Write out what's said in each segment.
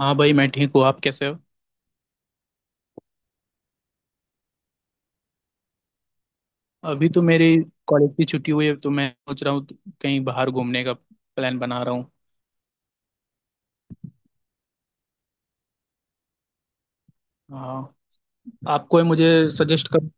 हाँ भाई मैं ठीक हूँ। आप कैसे हो। अभी तो मेरी कॉलेज की छुट्टी हुई है तो मैं सोच रहा हूँ तो कहीं बाहर घूमने का प्लान बना रहा हूँ। हाँ। आप कोई मुझे सजेस्ट कर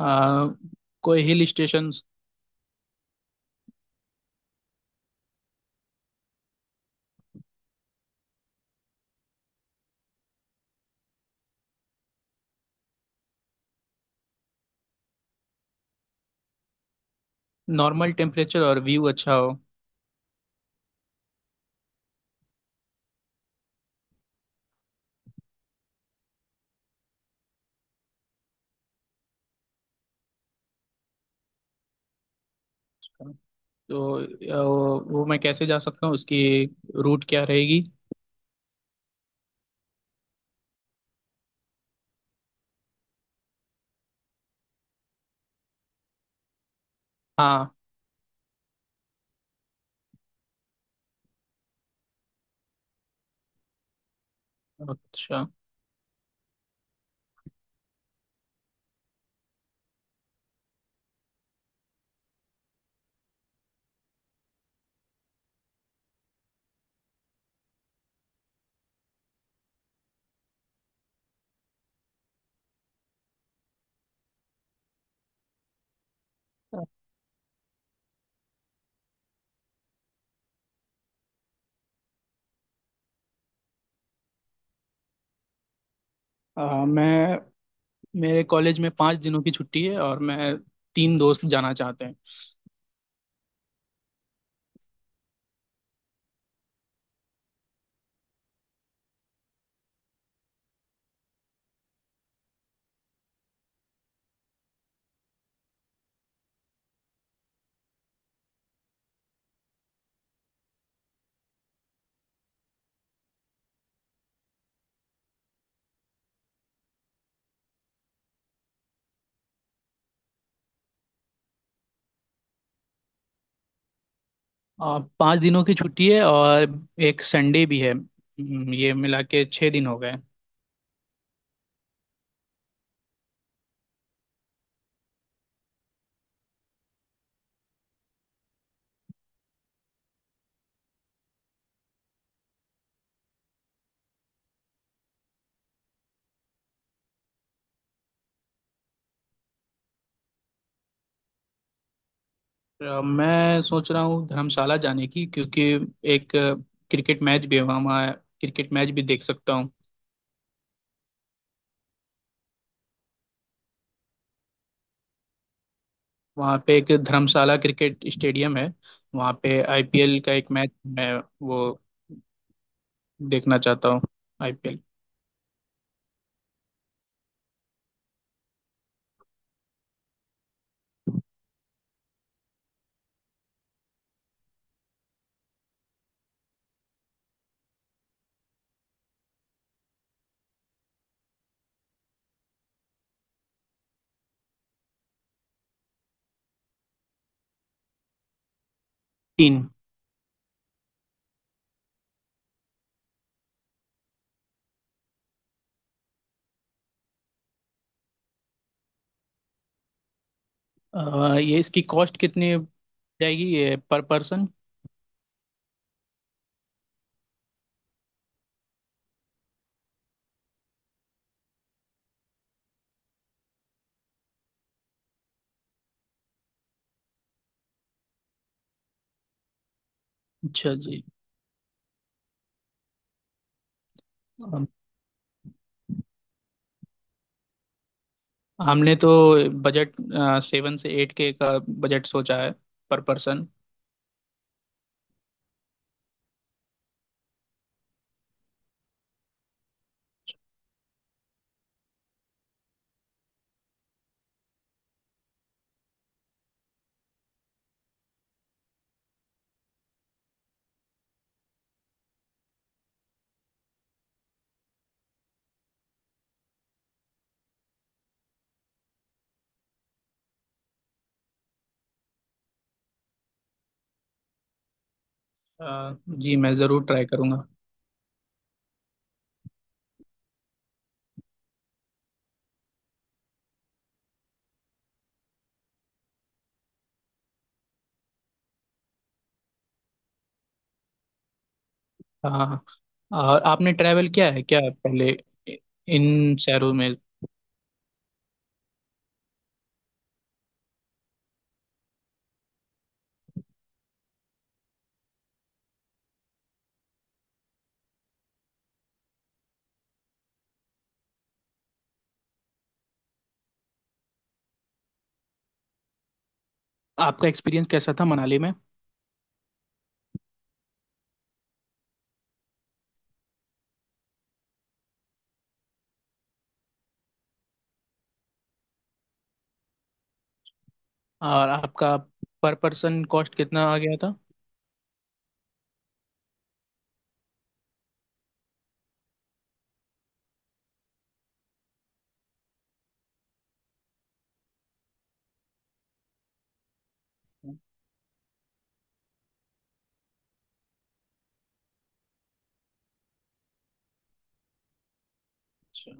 आ, कोई हिल स्टेशन। नॉर्मल टेम्परेचर और व्यू अच्छा हो। तो वो मैं कैसे जा सकता हूँ उसकी रूट क्या रहेगी। हाँ। अच्छा। मैं मेरे कॉलेज में 5 दिनों की छुट्टी है और मैं 3 दोस्त जाना चाहते हैं। 5 दिनों की छुट्टी है और एक संडे भी है। ये मिला के 6 दिन हो गए। मैं सोच रहा हूँ धर्मशाला जाने की क्योंकि एक क्रिकेट मैच भी है वहाँ वहाँ क्रिकेट मैच भी देख सकता हूँ। वहाँ पे एक धर्मशाला क्रिकेट स्टेडियम है। वहाँ पे आईपीएल का एक मैच मैं वो देखना चाहता हूँ। आईपीएल। तीन। ये इसकी कॉस्ट कितनी जाएगी ये पर पर्सन। अच्छा जी। हमने तो बजट 7 से 8 के का बजट सोचा है पर पर्सन। जी मैं ज़रूर ट्राई करूँगा। हाँ। और आपने ट्रैवल किया है क्या पहले इन शहरों में। आपका एक्सपीरियंस कैसा था मनाली में। और आपका पर पर्सन कॉस्ट कितना आ गया था। अच्छा।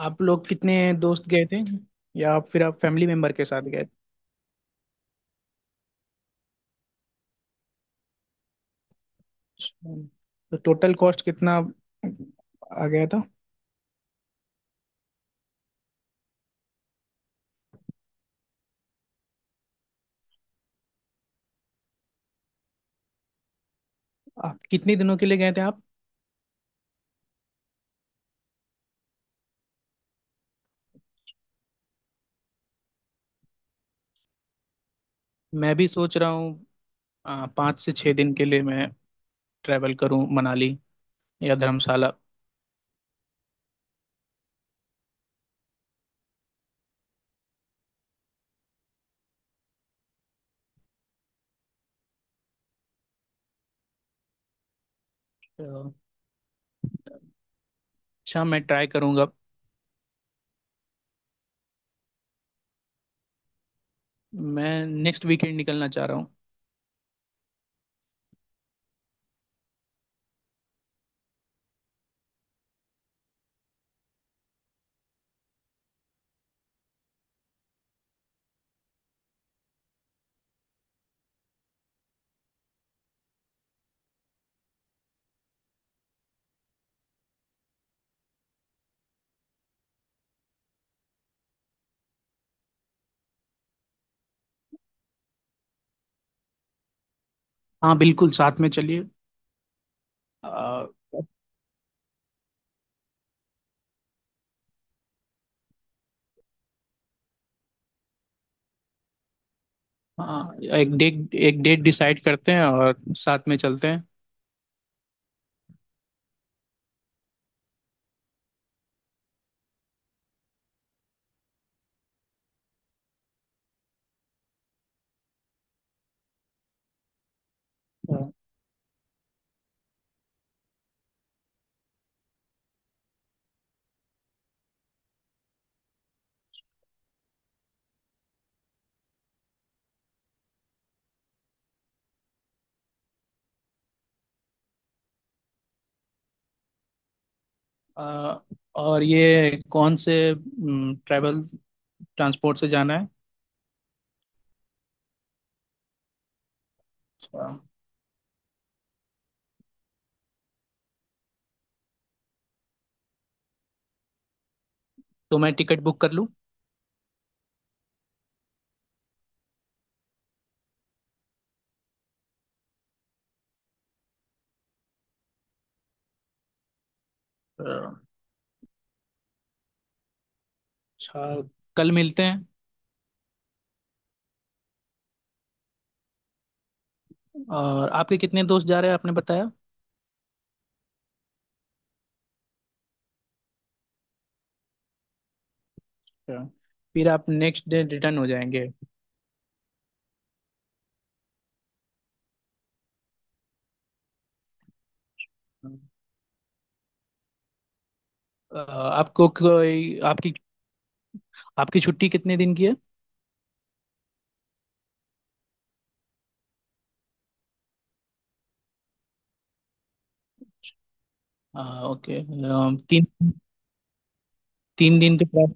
आप लोग कितने दोस्त गए थे या फिर आप फैमिली मेंबर के साथ गए। तो टोटल कॉस्ट कितना आ गया था। आप कितने दिनों के लिए गए थे आप। मैं भी सोच रहा हूँ पाँच से 6 दिन के लिए मैं ट्रैवल करूँ मनाली या धर्मशाला। तो अच्छा। मैं ट्राई करूँगा। मैं नेक्स्ट वीकेंड निकलना चाह रहा हूँ। हाँ बिल्कुल साथ में चलिए। आ, हाँ एक डेट डिसाइड करते हैं और साथ में चलते हैं। अ, और ये कौन से ट्रैवल ट्रांसपोर्ट से जाना है। अ, तो मैं टिकट बुक कर लूँ। अ, अच्छा। कल मिलते हैं। और आपके कितने दोस्त जा रहे हैं आपने बताया। अ, फिर आप नेक्स्ट डे रिटर्न हो जाएंगे। अ, आपको कोई आपकी आपकी छुट्टी कितने दिन की है। अ, ओके। तीन। तीन दिन के बाद।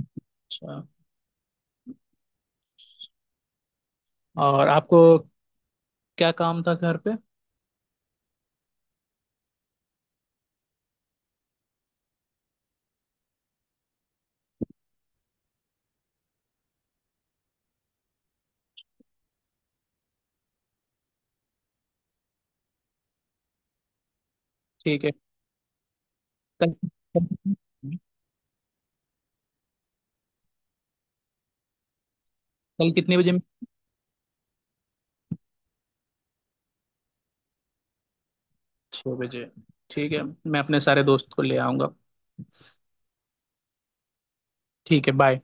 अच्छा। और आपको क्या काम था घर पे। ठीक है। कल कल कल कितने बजे। 6 बजे। ठीक है। मैं अपने सारे दोस्त को ले आऊँगा। ठीक है। बाय।